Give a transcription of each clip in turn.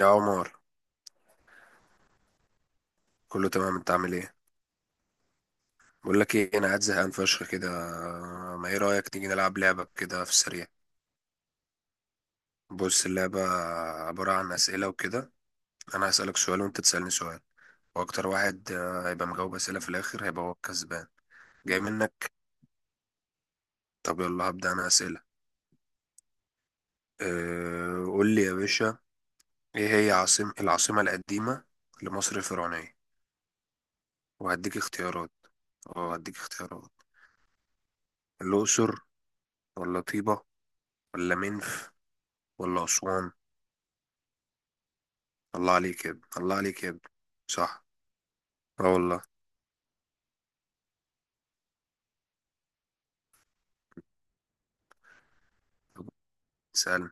يا عمر، كله تمام. انت عامل ايه؟ بقول لك ايه، انا قاعد زهقان فشخ كده. ما ايه رايك نيجي نلعب لعبه كده في السريع؟ بص، اللعبه عباره عن اسئله وكده. انا هسالك سؤال وانت تسالني سؤال. واكتر واحد هيبقى مجاوب اسئله في الاخر هيبقى هو الكسبان. جاي منك. طب يلا هبدا انا اسئله. أه، قول لي يا باشا، ايه هي العاصمه القديمه لمصر الفرعونيه؟ وهديك اختيارات. اه هديك اختيارات: الاقصر، ولا طيبه، ولا منف، ولا اسوان؟ الله عليك يا ابني، الله عليك يا ابني. صح. اه والله. طب اسألني.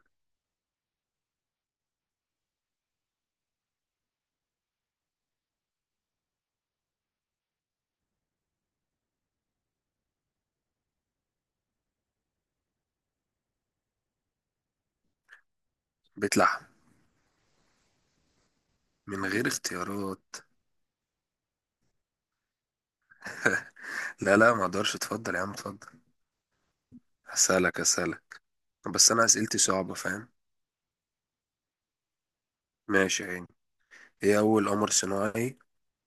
بيت لحم. من غير اختيارات. لا لا، ما اقدرش. اتفضل يا عم اتفضل. هسألك، هسألك. بس انا اسئلتي صعبة، فاهم؟ ماشي يا عيني. ايه اول قمر صناعي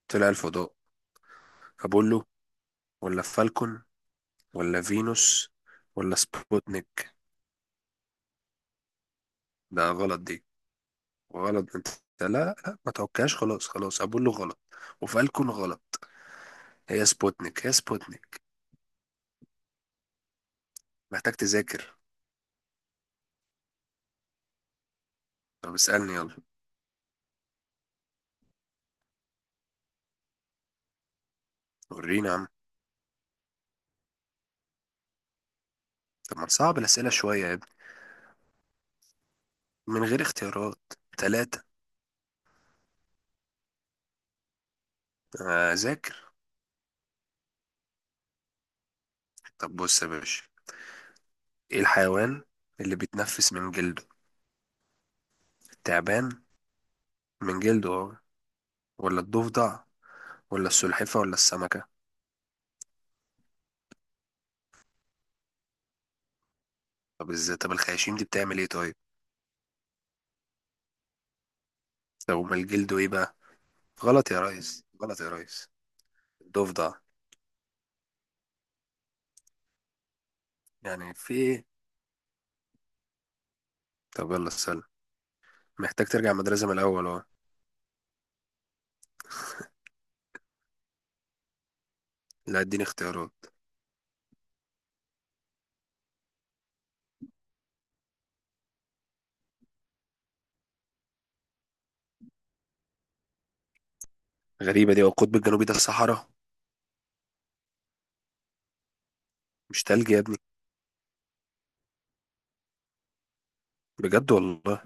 طلع الفضاء؟ ابولو، ولا فالكون، ولا فينوس، ولا سبوتنيك؟ ده غلط دي. غلط انت. لا لا، ما توكاش. خلاص خلاص، ابولو غلط وفالكون غلط. هي سبوتنيك، هي سبوتنيك. محتاج تذاكر. طب اسألني يلا. ورينا يا عم. طب ما تصعب الأسئلة شوية يا ابني. من غير اختيارات. تلاتة. آه، أذاكر. طب بص يا باشا، إيه الحيوان اللي بيتنفس من جلده؟ التعبان، من جلده أهو. ولا الضفدع، ولا السلحفة، ولا السمكة؟ طب ازاي؟ طب الخياشيم دي بتعمل ايه طيب؟ طب امال جلده ايه بقى؟ غلط يا ريس، غلط يا ريس. الضفدع. يعني في ايه؟ طب يلا السلام. محتاج ترجع المدرسة من الأول أهو. لا، اديني اختيارات. غريبة دي. هو القطب الجنوبي ده الصحراء؟ مش تلج يا ابني؟ بجد والله؟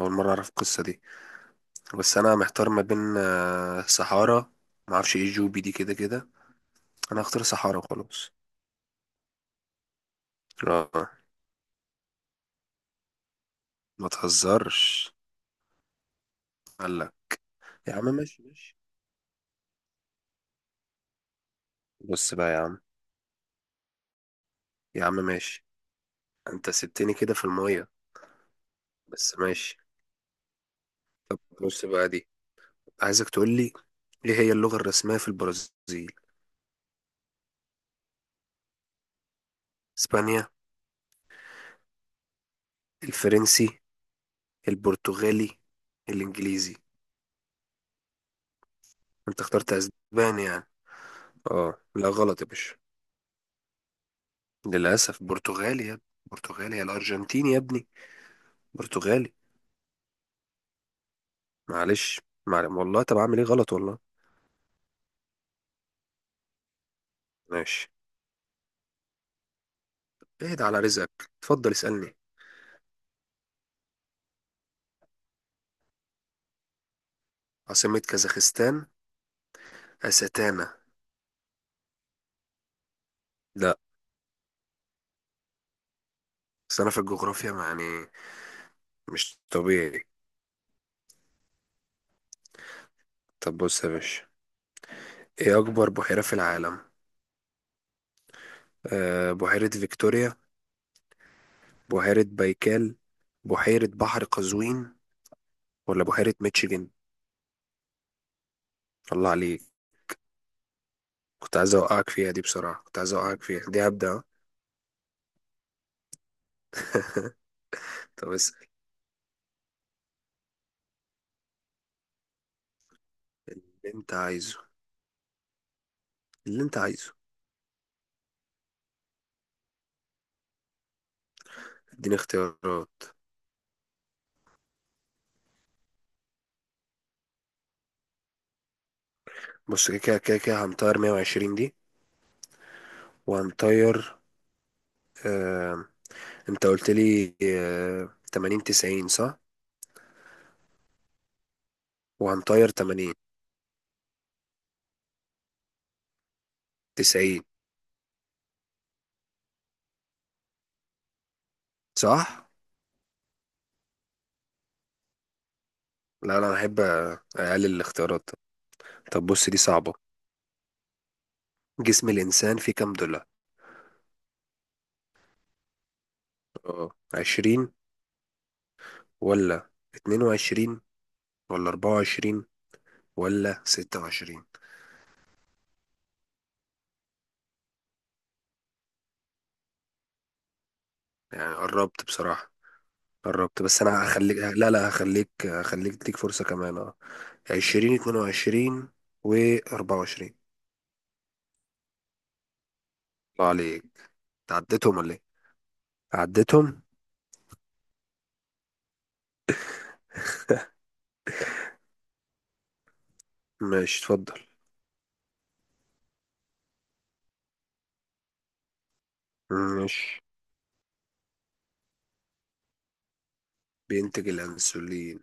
أول مرة أعرف القصة دي. بس انا محتار ما بين صحارى. ما اعرفش ايه جوبي دي كده كده. انا هختار صحارى وخلاص. اه. ما تهزرش. قال لك. يا عم ماشي ماشي. بص بقى يا عم. يا عم ماشي. انت سبتني كده في المية. بس ماشي. طب بص بقى دي. عايزك تقول لي، ايه هي اللغة الرسمية في البرازيل؟ اسبانيا، الفرنسي، البرتغالي، الانجليزي؟ انت اخترت اسباني يعني؟ اه. لا غلط يا باشا. للاسف برتغالي يا ابني. برتغالي يا الارجنتيني يا ابني. برتغالي. معلش. والله طب اعمل ايه؟ غلط والله. ماشي. اهدى على رزقك. اتفضل اسألني. عاصمة كازاخستان؟ أستانا. لا. بس انا في الجغرافيا ما يعني، مش طبيعي. طب بص يا باشا، ايه اكبر بحيرة في العالم؟ أه، بحيرة فيكتوريا، بحيرة بايكال، بحيرة بحر قزوين، ولا بحيرة ميتشيجن؟ الله عليك. كنت عايز اوقعك فيها دي بصراحة، كنت عايز اوقعك فيها دي. هبدأ. طب اسأل. اللي انت عايزه. اللي انت عايزه. اديني اختيارات. بص، كده كده كده كده، هنطير 120 دي. وهنطير، آه... انت قلت لي 80 90 صح. وهنطير 80 90 صح. لا لا، انا بحب اقلل الاختيارات. طب بص دي صعبة، جسم الانسان فيه كام ضلع؟ اه، 20، ولا 22، ولا 24، ولا 26؟ يعني قربت بصراحة. قربت، بس انا هخليك، لا لا هخليك، تديك فرصة كمان. اه، 20، 22، و 24 الله عليك. تعديتهم ولا ايه؟ عديتهم. ماشي اتفضل. ماشي، بينتج الانسولين.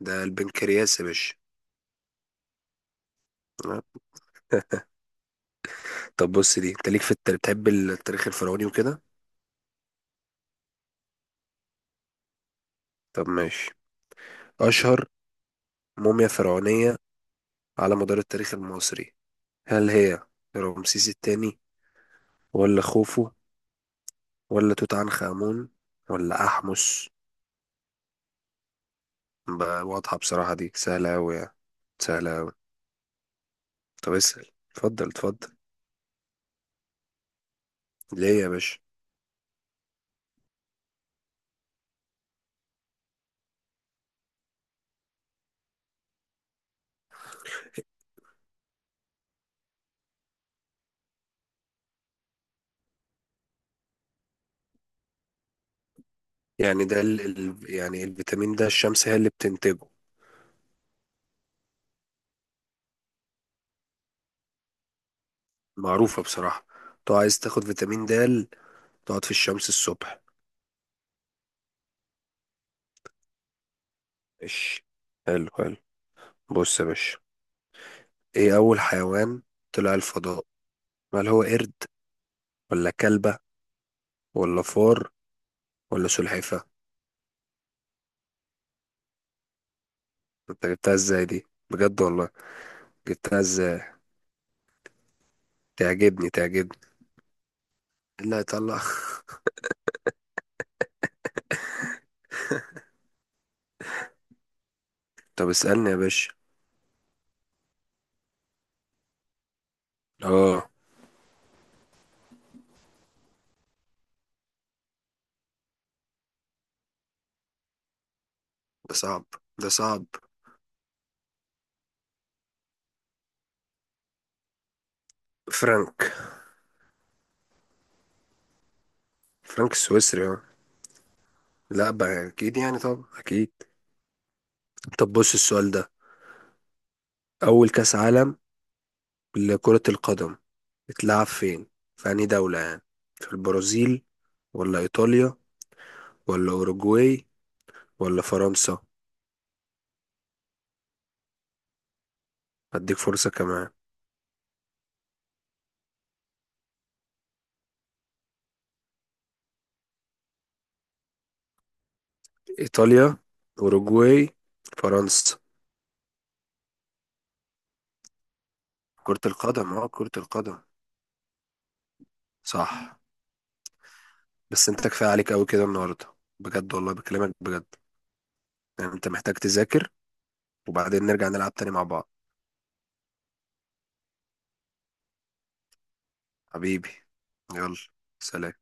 ده البنكرياس يا باشا. آه. طب بص دي، انت ليك في التاريخ، بتحب التاريخ الفرعوني وكده. طب ماشي، اشهر موميا فرعونية على مدار التاريخ المصري هل هي رمسيس الثاني، ولا خوفو، ولا توت عنخ آمون، ولا أحمس؟ بقى واضحة بصراحة، دي سهلة أوي يعني. سهلة أوي. طب اسأل، اتفضل اتفضل. ليه يا باشا؟ يعني ده يعني الفيتامين ده الشمس هي اللي بتنتجه. معروفة بصراحة. تو عايز تاخد فيتامين د، تقعد في الشمس الصبح. ماشي. حلو حلو. بص يا باشا، ايه أول حيوان طلع الفضاء؟ هل هو قرد، ولا كلبة، ولا فار، ولا سلحفة؟ انت جبتها ازاي دي؟ بجد والله. جبتها ازاي؟ تعجبني، تعجبني اللي هيطلع. طب اسألني يا باشا. اه، ده صعب، ده صعب. فرانك. فرانك السويسري، اه. لا بقى اكيد يعني، طب اكيد. طب بص السؤال ده. أول كأس عالم لكرة القدم اتلعب فين؟ في أنهي دولة يعني؟ في البرازيل، ولا إيطاليا، ولا أوروجواي، ولا فرنسا؟ هديك فرصة كمان. إيطاليا، أوروجواي، فرنسا. كرة القدم، اه كرة القدم. صح. بس انت كفاية عليك أوي كده النهاردة. بجد والله بكلمك بجد. يعني انت محتاج تذاكر، وبعدين نرجع نلعب تاني مع بعض. حبيبي. يلا. سلام.